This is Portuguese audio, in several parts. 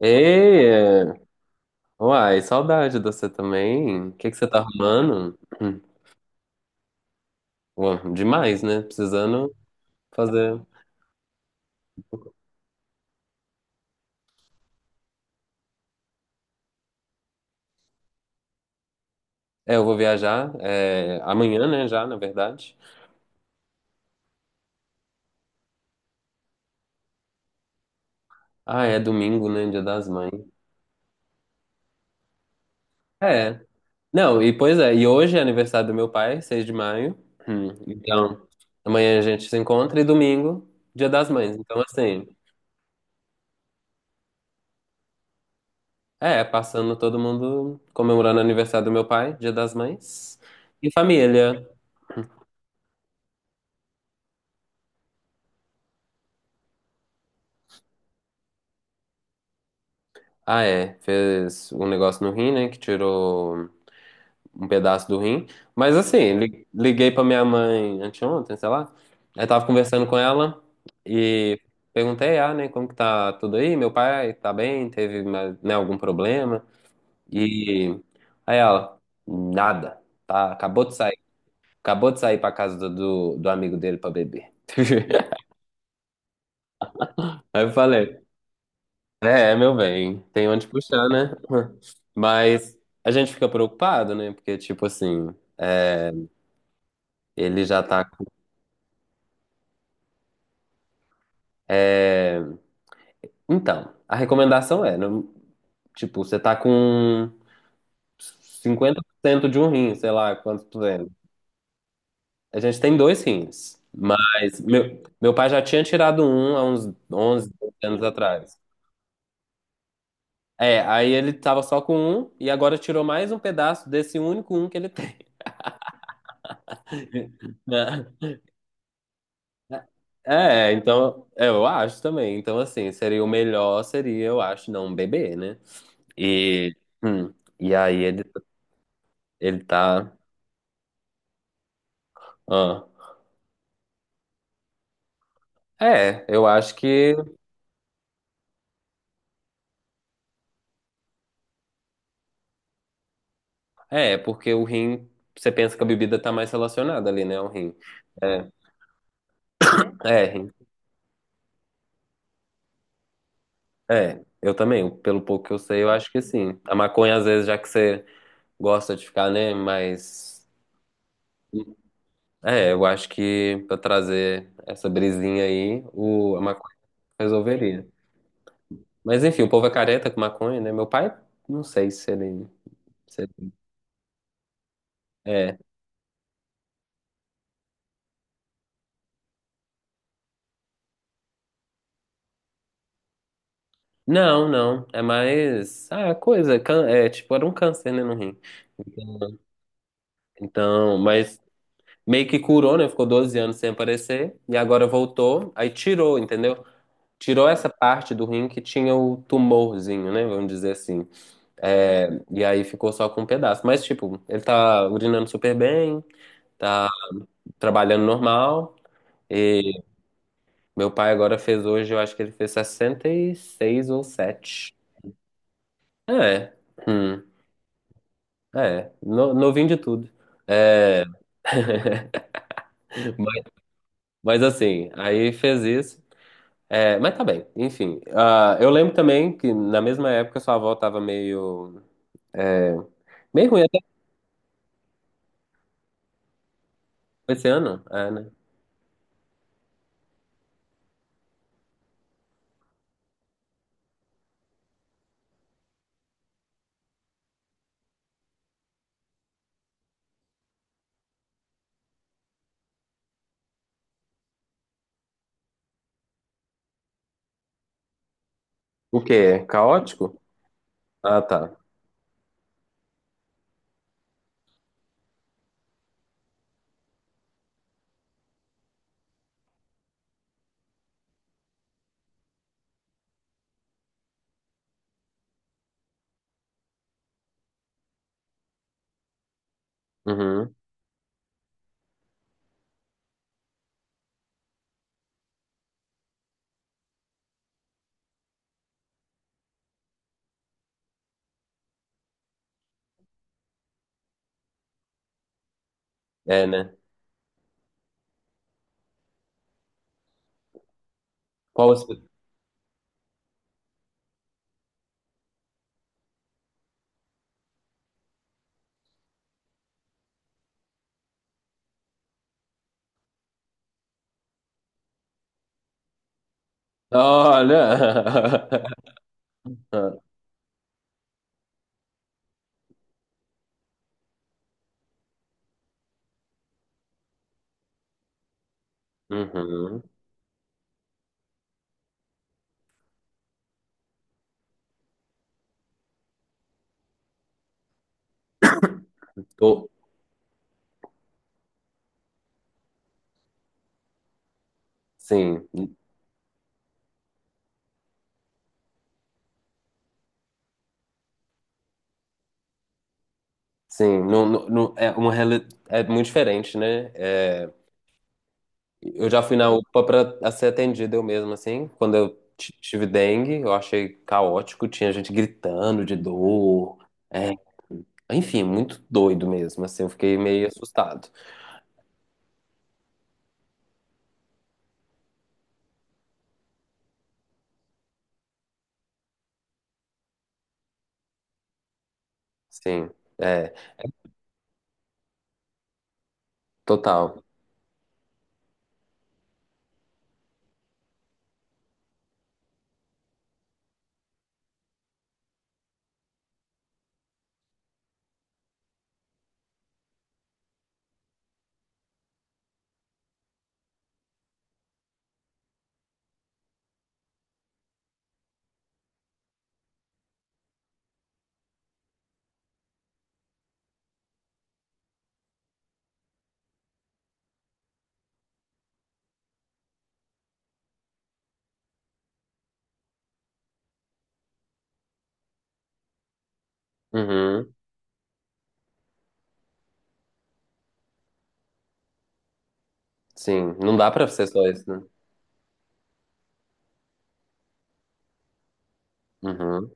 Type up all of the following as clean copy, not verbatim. Ei, é. Uai, saudade de você também. O que que você tá arrumando? Ué, demais, né? Precisando fazer. É, eu vou viajar é, amanhã, né? Já, na verdade. Ah, é domingo, né? Dia das Mães. É. Não, e pois é, e hoje é aniversário do meu pai, 6 de maio. Hum. Então, amanhã a gente se encontra e domingo, Dia das Mães. Então, assim, passando todo mundo comemorando o aniversário do meu pai, Dia das Mães. E família. Ah, é. Fez um negócio no rim, né? Que tirou um pedaço do rim. Mas assim, liguei pra minha mãe anteontem, sei lá. Aí tava conversando com ela e perguntei, ah, né, como que tá tudo aí? Meu pai tá bem? Teve, né, algum problema? E aí ela, nada. Tá, acabou de sair. Acabou de sair pra casa do amigo dele pra beber. Aí eu falei, é, é, meu bem, tem onde puxar, né? Mas a gente fica preocupado, né? Porque, tipo assim, é, ele já tá. É, então, a recomendação é, tipo, você tá com cinquenta por cento de um rim, sei lá quanto tu é. A gente tem dois rins, mas meu pai já tinha tirado um há uns 11 anos atrás. É, aí ele tava só com um e agora tirou mais um pedaço desse único um que ele tem. É, é, então, é, eu acho também. Então, assim, seria o melhor, seria, eu acho, não beber, né? E, hum, e aí ele tá. Ah. É, eu acho que. É, porque o rim, você pensa que a bebida tá mais relacionada ali, né? O rim. É, é, rim. É, eu também, pelo pouco que eu sei, eu acho que sim. A maconha, às vezes, já que você gosta de ficar, né? Mas. É, eu acho que pra trazer essa brisinha aí, a maconha resolveria. Mas enfim, o povo é careta com maconha, né? Meu pai, não sei se ele. se ele- É. Não, não. É mais. Ah, é coisa. É, tipo, era um câncer, né, no rim. Então, mas meio que curou, né? Ficou 12 anos sem aparecer. E agora voltou. Aí tirou, entendeu? Tirou essa parte do rim que tinha o tumorzinho, né? Vamos dizer assim. É, e aí ficou só com um pedaço. Mas, tipo, ele tá urinando super bem, tá trabalhando normal. Meu pai agora fez hoje, eu acho que ele fez 66 ou sete. É. Hum. É. Novinho de tudo. É. Mas mas assim, aí fez isso. É, mas tá bem, enfim. Ah, eu lembro também que na mesma época sua avó tava meio. Meio ruim até esse ano. É, né? O quê? Caótico? Ah, tá. Uhum. É, né? Qual os... Olha! Uhum. Tô. Sim. Sim, é uma é muito diferente, né? É, eu já fui na UPA para ser atendido eu mesmo, assim. Quando eu tive dengue, eu achei caótico, tinha gente gritando de dor. É, enfim, muito doido mesmo, assim. Eu fiquei meio assustado. Sim, é, total. Uhum, sim, não dá para ser só isso, né? Uhum.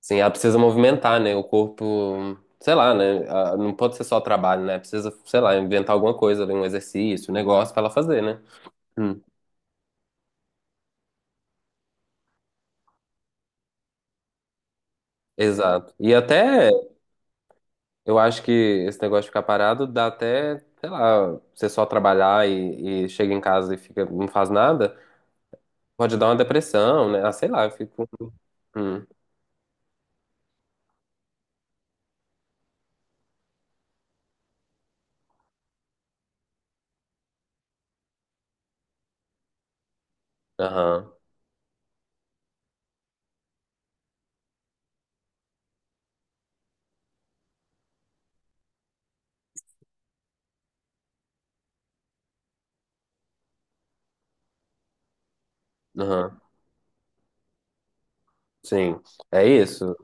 Sim, ela precisa movimentar, né? O corpo, sei lá, né? Ah, não pode ser só trabalho, né? Precisa, sei lá, inventar alguma coisa, ali, um exercício, um negócio pra ela fazer, né? Hum, exato. E até eu acho que esse negócio de ficar parado dá até, sei lá, você só trabalhar e chega em casa e fica, não faz nada, pode dar uma depressão, né? Ah, sei lá, eu fico. Hum, aham, aham. Sim. É isso.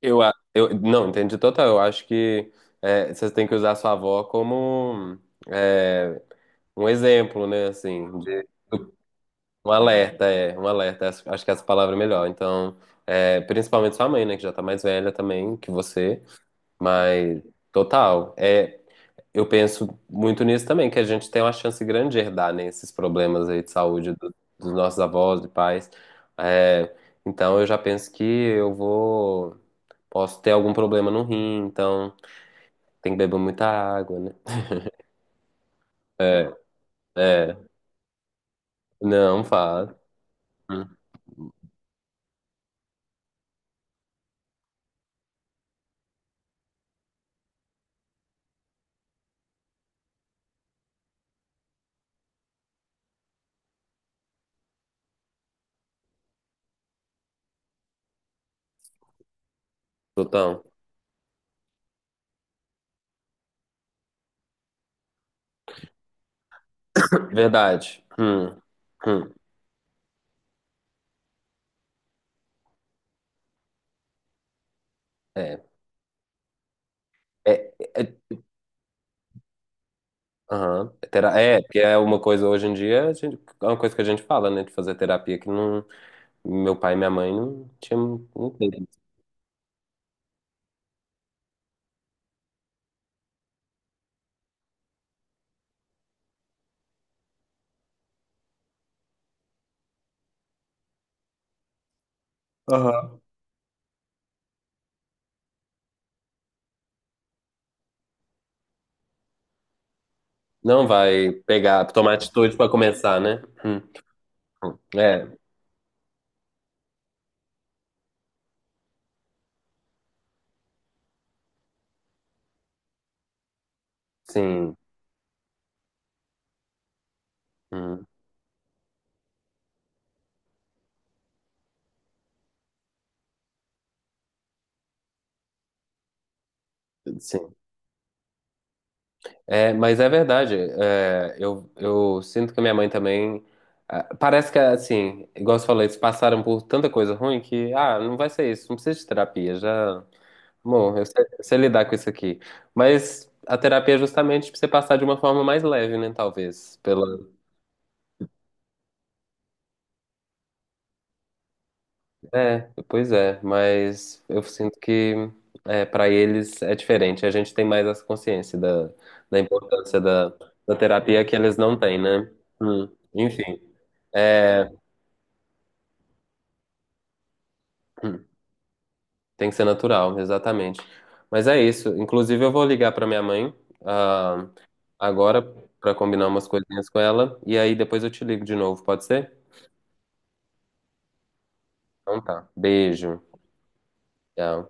Eu não entendi total. Eu acho que é, você tem que usar a sua avó como é, um exemplo, né? Assim, de. Um alerta, é, um alerta, acho que essa palavra é melhor. Então, é, principalmente sua mãe, né, que já tá mais velha também que você, mas total, é, eu penso muito nisso também, que a gente tem uma chance grande de herdar, né, esses problemas aí de saúde dos nossos avós e pais. É, então, eu já penso que posso ter algum problema no rim, então tem que beber muita água, né? É, é, não faz. Hum, total. Verdade. Hum, é. É, é, aham. É é, porque é uma coisa hoje em dia, é uma coisa que a gente fala, né? De fazer terapia que não, meu pai e minha mãe não tinham, não teve. Aham. Não vai pegar, tomar atitude pra começar, né? Hum. É, sim. Hum, sim. É, mas é verdade. É, eu sinto que a minha mãe também. Ah, parece que, assim, igual você falou, eles passaram por tanta coisa ruim que, ah, não vai ser isso, não precisa de terapia, já. Bom, eu sei lidar com isso aqui. Mas a terapia é justamente pra você passar de uma forma mais leve, né? Talvez. Pela... É, pois é. Mas eu sinto que é, para eles é diferente. A gente tem mais essa consciência da, da importância da, da terapia que eles não têm, né? Hum. Enfim. É, hum, tem que ser natural, exatamente. Mas é isso. Inclusive, eu vou ligar pra minha mãe, ah, agora para combinar umas coisinhas com ela. E aí depois eu te ligo de novo, pode ser? Então tá. Beijo. Tchau.